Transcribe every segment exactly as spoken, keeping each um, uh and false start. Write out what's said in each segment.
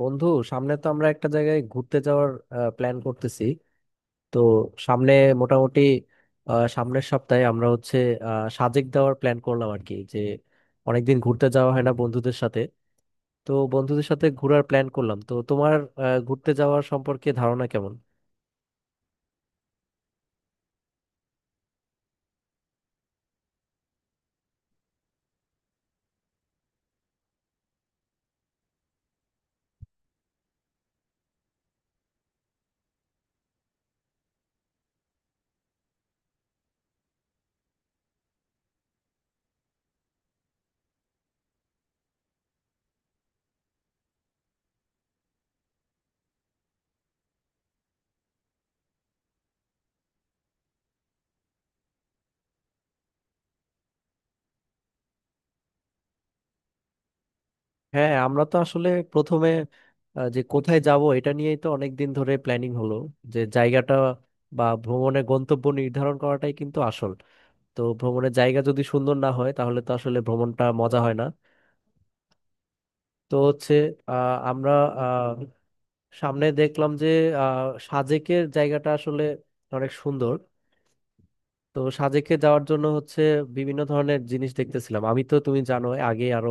বন্ধু, সামনে তো আমরা একটা জায়গায় ঘুরতে যাওয়ার প্ল্যান করতেছি। তো সামনে মোটামুটি আহ, সামনের সপ্তাহে আমরা হচ্ছে আহ, সাজেক দেওয়ার প্ল্যান করলাম আর কি, যে অনেকদিন ঘুরতে যাওয়া হয় না বন্ধুদের সাথে। তো বন্ধুদের সাথে ঘোরার প্ল্যান করলাম। তো তোমার আহ, ঘুরতে যাওয়ার সম্পর্কে ধারণা কেমন? হ্যাঁ, আমরা তো আসলে প্রথমে আহ, যে কোথায় যাব এটা নিয়েই তো অনেকদিন ধরে প্ল্যানিং হলো। যে জায়গাটা বা ভ্রমণের গন্তব্য নির্ধারণ করাটাই কিন্তু আসল। তো ভ্রমণের জায়গা যদি সুন্দর না হয় তাহলে তো আসলে ভ্রমণটা মজা হয় না। তো হচ্ছে আহ, আমরা আহ, সামনে দেখলাম যে আহ, সাজেকের জায়গাটা আসলে অনেক সুন্দর। তো সাজেকে যাওয়ার জন্য হচ্ছে বিভিন্ন ধরনের জিনিস দেখতেছিলাম। আমি তো তুমি জানো আগে আরো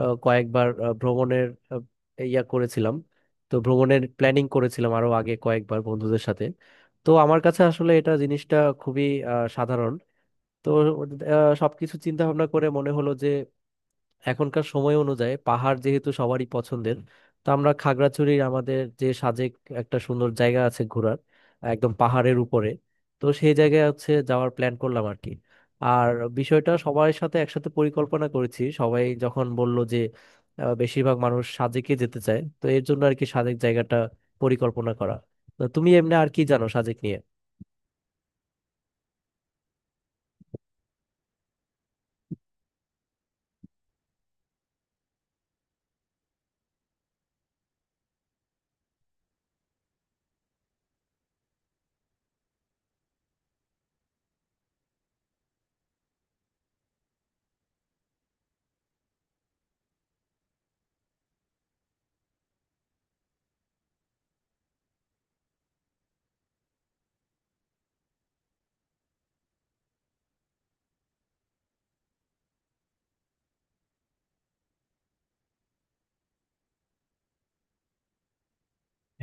আহ, কয়েকবার আহ, ভ্রমণের আহ, ইয়া করেছিলাম। তো ভ্রমণের প্ল্যানিং করেছিলাম আরো আগে কয়েকবার বন্ধুদের সাথে। তো আমার কাছে আসলে এটা জিনিসটা খুবই আহ, সাধারণ। তো আহ, সবকিছু চিন্তা ভাবনা করে মনে হলো যে এখনকার সময় অনুযায়ী পাহাড় যেহেতু সবারই পছন্দের, তো আমরা খাগড়াছড়ির আমাদের যে সাজেক, একটা সুন্দর জায়গা আছে ঘোরার, একদম পাহাড়ের উপরে। তো সেই জায়গায় হচ্ছে যাওয়ার প্ল্যান করলাম আর কি। আর বিষয়টা সবার সাথে একসাথে পরিকল্পনা করেছি। সবাই যখন বলল যে আহ, বেশিরভাগ মানুষ সাজেকে যেতে চায়, তো এর জন্য আর কি সাজেক জায়গাটা পরিকল্পনা করা। তো তুমি এমনি আর কি জানো সাজেক নিয়ে?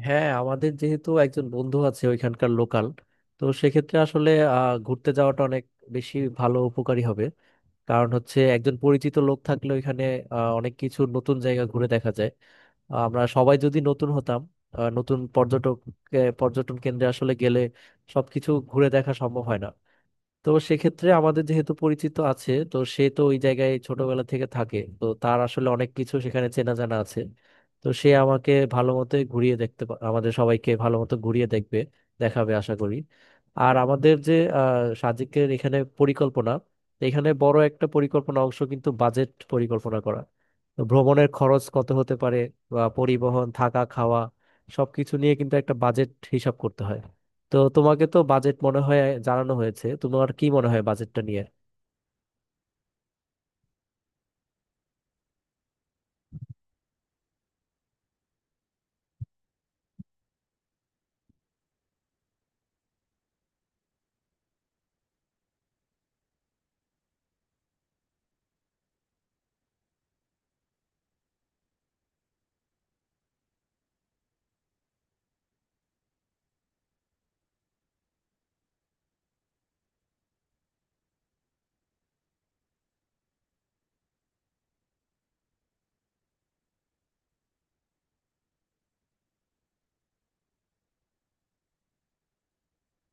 হ্যাঁ, আমাদের যেহেতু একজন বন্ধু আছে ওইখানকার লোকাল, তো সেক্ষেত্রে আসলে আহ, ঘুরতে যাওয়াটা অনেক বেশি ভালো উপকারী হবে। কারণ হচ্ছে একজন পরিচিত লোক থাকলে ওইখানে আহ, অনেক কিছু নতুন জায়গা ঘুরে দেখা যায়। আমরা সবাই যদি নতুন হতাম আহ, নতুন পর্যটক আহ, পর্যটন কেন্দ্রে আসলে গেলে সবকিছু ঘুরে দেখা সম্ভব হয় না। তো সেক্ষেত্রে আমাদের যেহেতু পরিচিত আছে, তো সে তো ওই জায়গায় ছোটবেলা থেকে থাকে, তো তার আসলে অনেক কিছু সেখানে চেনা জানা আছে। তো সে আমাকে ভালো মতো ঘুরিয়ে দেখতে পা- আমাদের সবাইকে ভালো মতো ঘুরিয়ে দেখবে দেখাবে আশা করি। আর আমাদের যে আহ, সাজিকের এখানে পরিকল্পনা, এখানে বড় একটা পরিকল্পনা অংশ কিন্তু বাজেট পরিকল্পনা করা। তো ভ্রমণের খরচ কত হতে পারে, বা পরিবহন থাকা খাওয়া সবকিছু নিয়ে কিন্তু একটা বাজেট হিসাব করতে হয়। তো তোমাকে তো বাজেট মনে হয় জানানো হয়েছে, তোমার কি মনে হয় বাজেটটা নিয়ে?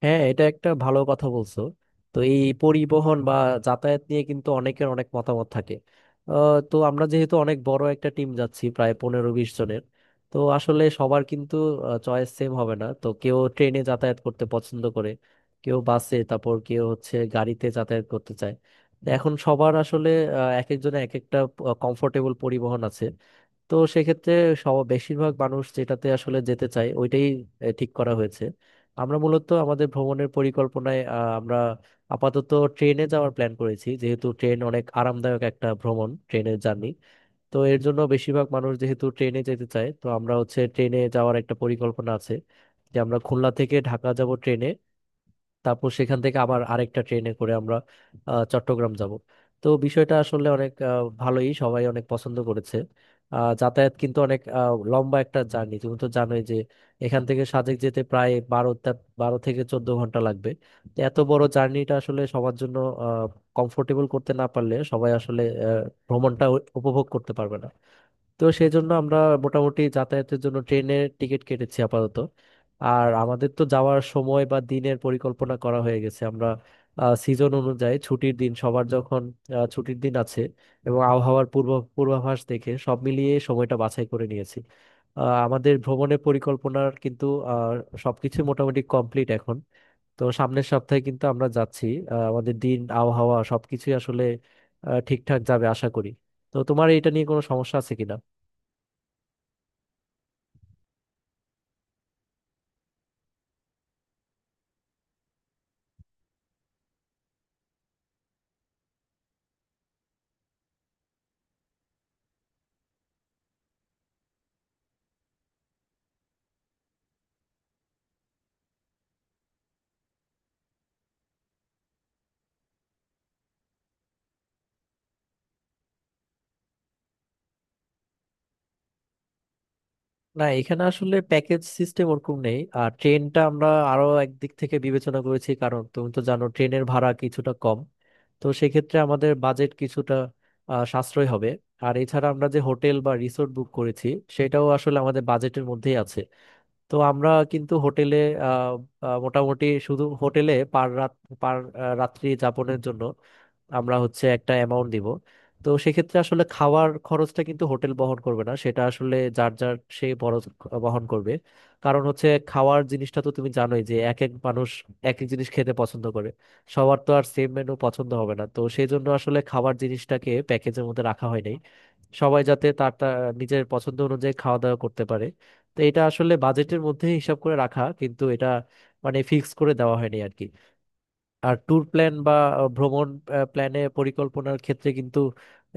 হ্যাঁ, এটা একটা ভালো কথা বলছো। তো এই পরিবহন বা যাতায়াত নিয়ে কিন্তু অনেকের অনেক মতামত থাকে। আহ, তো আমরা যেহেতু অনেক বড় একটা টিম যাচ্ছি, প্রায় পনেরো বিশ জনের, তো আসলে সবার কিন্তু চয়েস সেম হবে না। তো কেউ ট্রেনে যাতায়াত করতে পছন্দ করে, কেউ বাসে, তারপর কেউ হচ্ছে গাড়িতে যাতায়াত করতে চায়। তো এখন সবার আসলে আহ, এক একজনে এক একটা কমফোর্টেবল পরিবহন আছে। তো সেক্ষেত্রে সব বেশিরভাগ মানুষ যেটাতে আসলে যেতে চায় ওইটাই আহ, ঠিক করা হয়েছে। আমরা মূলত আমাদের ভ্রমণের পরিকল্পনায় আহ, আমরা আপাতত ট্রেনে যাওয়ার প্ল্যান করেছি, যেহেতু ট্রেন অনেক আরামদায়ক একটা ভ্রমণ, ট্রেনের জার্নি। তো এর জন্য বেশিরভাগ মানুষ যেহেতু ট্রেনে যেতে চায়, তো আমরা হচ্ছে ট্রেনে যাওয়ার একটা পরিকল্পনা আছে যে আমরা খুলনা থেকে ঢাকা যাব ট্রেনে, তারপর সেখান থেকে আবার আরেকটা ট্রেনে করে আমরা আহ, চট্টগ্রাম যাব। তো বিষয়টা আসলে অনেক আহ, ভালোই, সবাই অনেক পছন্দ করেছে। আহ, যাতায়াত কিন্তু অনেক আহ, লম্বা একটা জার্নি। তুমি তো জানোই যে এখান থেকে সাজেক যেতে প্রায় বারো তা- বারো থেকে চোদ্দ ঘন্টা লাগবে। তো এত বড় জার্নিটা আসলে সবার জন্য কমফোর্টেবল করতে না পারলে সবাই আসলে আহ, ভ্রমণটা উ- উপভোগ করতে পারবে না। তো সেই জন্য আমরা মোটামুটি যাতায়াতের জন্য ট্রেনের টিকিট কেটেছি আপাতত। আর আমাদের তো যাওয়ার সময় বা দিনের পরিকল্পনা করা হয়ে গেছে। আমরা সিজন অনুযায়ী ছুটির দিন সবার যখন আহ, ছুটির দিন আছে এবং আবহাওয়ার পূর্ব পূর্বাভাস দেখে সব মিলিয়ে সময়টা বাছাই করে নিয়েছি। আহ, আমাদের ভ্রমণের পরিকল্পনার কিন্তু আহ, সবকিছু মোটামুটি কমপ্লিট এখন। তো সামনের সপ্তাহে কিন্তু আমরা যাচ্ছি। আহ, আমাদের দিন আবহাওয়া সবকিছুই আসলে আহ, ঠিকঠাক যাবে আশা করি। তো তোমার এটা নিয়ে কোনো সমস্যা আছে কিনা? না, এখানে আসলে প্যাকেজ সিস্টেম ওরকম নেই। আর ট্রেনটা আমরা আরো একদিক থেকে বিবেচনা করেছি, কারণ তুমি তো জানো ট্রেনের ভাড়া কিছুটা কম। তো সেক্ষেত্রে আমাদের বাজেট কিছুটা আহ, সাশ্রয় হবে। আর এছাড়া আমরা যে হোটেল বা রিসোর্ট বুক করেছি সেটাও আসলে আমাদের বাজেটের মধ্যেই আছে। তো আমরা কিন্তু হোটেলে আহ, আহ, মোটামুটি শুধু হোটেলে পার রাত পার আহ, রাত্রি যাপনের জন্য আমরা হচ্ছে একটা অ্যামাউন্ট দিব। তো সেক্ষেত্রে আসলে খাওয়ার খরচটা কিন্তু হোটেল বহন করবে না, সেটা আসলে যার যার সে বরজ বহন করবে। কারণ হচ্ছে খাওয়ার জিনিসটা তো তুমি জানোই যে এক এক মানুষ এক এক জিনিস খেতে পছন্দ করে, সবার তো আর সেম মেনু পছন্দ হবে না। তো সেই জন্য আসলে খাবার জিনিসটাকে প্যাকেজের মধ্যে রাখা হয় নাই, সবাই যাতে তার তার নিজের পছন্দ অনুযায়ী খাওয়া দাওয়া করতে পারে। তো এটা আসলে বাজেটের মধ্যে হিসাব করে রাখা, কিন্তু এটা মানে ফিক্স করে দেওয়া হয়নি আর কি। আর ট্যুর প্ল্যান বা আহ, ভ্রমণ প্ল্যানে পরিকল্পনার ক্ষেত্রে কিন্তু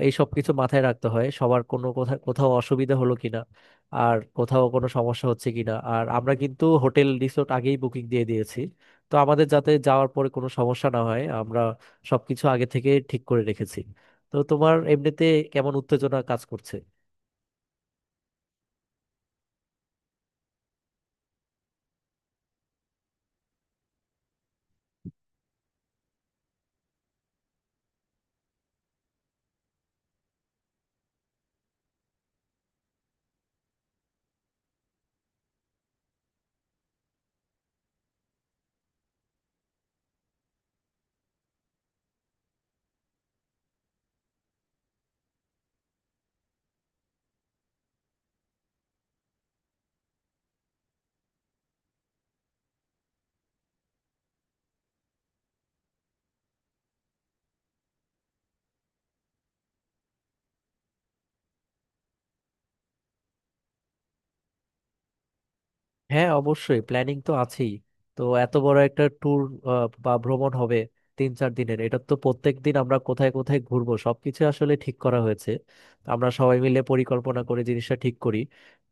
এই সব কিছু মাথায় রাখতে হয়, সবার কোনো কোথাও কোথাও অসুবিধা হলো কিনা, আর কোথাও কোনো সমস্যা হচ্ছে কিনা। আর আমরা কিন্তু হোটেল রিসোর্ট আগেই বুকিং দিয়ে দিয়েছি, তো আমাদের যাতে যাওয়ার পরে কোনো সমস্যা না হয় আমরা সবকিছু আগে থেকে ঠিক করে রেখেছি। তো তোমার এমনিতে কেমন উত্তেজনা কাজ করছে? হ্যাঁ, অবশ্যই প্ল্যানিং তো আছেই। তো এত বড় একটা ট্যুর বা ভ্রমণ হবে তিন চার দিনের, এটা তো প্রত্যেক দিন আমরা কোথায় কোথায় ঘুরবো সবকিছু আসলে ঠিক করা হয়েছে। আমরা সবাই মিলে পরিকল্পনা করে জিনিসটা ঠিক করি।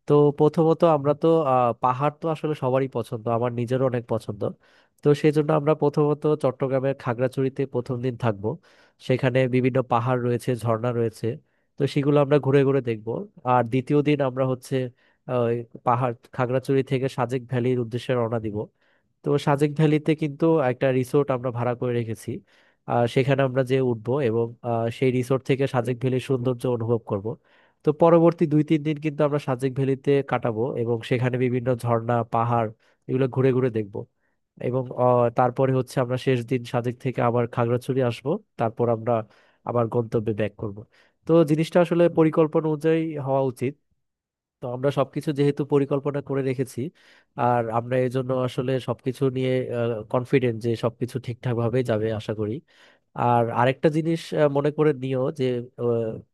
তো প্রথমত আমরা তো আহ, পাহাড় তো আসলে সবারই পছন্দ, আমার নিজেরও অনেক পছন্দ। তো সেই জন্য আমরা প্রথমত চট্টগ্রামের খাগড়াছড়িতে প্রথম দিন থাকবো। সেখানে বিভিন্ন পাহাড় রয়েছে, ঝর্ণা রয়েছে, তো সেগুলো আমরা ঘুরে ঘুরে দেখব। আর দ্বিতীয় দিন আমরা হচ্ছে ওই পাহাড় খাগড়াছড়ি থেকে সাজেক ভ্যালির উদ্দেশ্যে রওনা দিব। তো সাজেক ভ্যালিতে কিন্তু একটা রিসোর্ট আমরা ভাড়া করে রেখেছি। আহ, সেখানে আমরা যে উঠবো এবং আহ, সেই রিসোর্ট থেকে সাজেক ভ্যালির সৌন্দর্য অনুভব করব। তো পরবর্তী দুই তিন দিন কিন্তু আমরা সাজেক ভ্যালিতে কাটাবো এবং সেখানে বিভিন্ন ঝর্ণা পাহাড় এগুলো ঘুরে ঘুরে দেখব। এবং আহ, তারপরে হচ্ছে আমরা শেষ দিন সাজেক থেকে আবার খাগড়াছড়ি আসব। তারপর আমরা আবার গন্তব্যে ব্যাক করব। তো জিনিসটা আসলে পরিকল্পনা অনুযায়ী হওয়া উচিত। তো আমরা সবকিছু যেহেতু পরিকল্পনা করে রেখেছি, আর আমরা এই জন্য আসলে সবকিছু নিয়ে কনফিডেন্ট যে সবকিছু ঠিকঠাক ভাবে যাবে আশা করি। আর আরেকটা জিনিস আহ, মনে করে নিও যে আহ,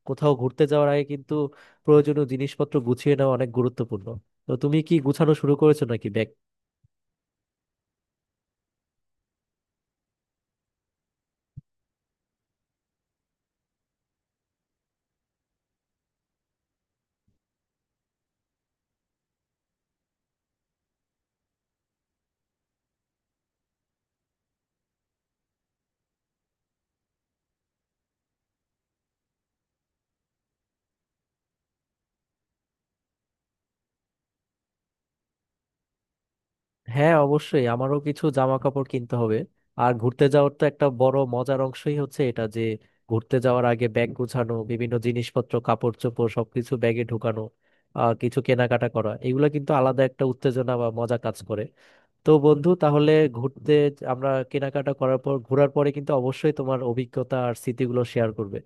কোথাও ঘুরতে যাওয়ার আগে কিন্তু প্রয়োজনীয় জিনিসপত্র গুছিয়ে নেওয়া অনেক গুরুত্বপূর্ণ। তো তুমি কি গুছানো শুরু করেছো নাকি ব্যাগ? হ্যাঁ, অবশ্যই আমারও কিছু জামা কাপড় কিনতে হবে। আর ঘুরতে যাওয়ার তো একটা বড় মজার অংশই হচ্ছে এটা, যে ঘুরতে যাওয়ার আগে ব্যাগ গুছানো, বিভিন্ন জিনিসপত্র কাপড় চোপড় সবকিছু ব্যাগে ঢুকানো, আহ কিছু কেনাকাটা করা, এগুলো কিন্তু আলাদা একটা উত্তেজনা বা মজা কাজ করে। তো বন্ধু, তাহলে ঘুরতে আমরা কেনাকাটা করার পর ঘোরার পরে কিন্তু অবশ্যই তোমার অভিজ্ঞতা আর স্মৃতিগুলো শেয়ার করবে।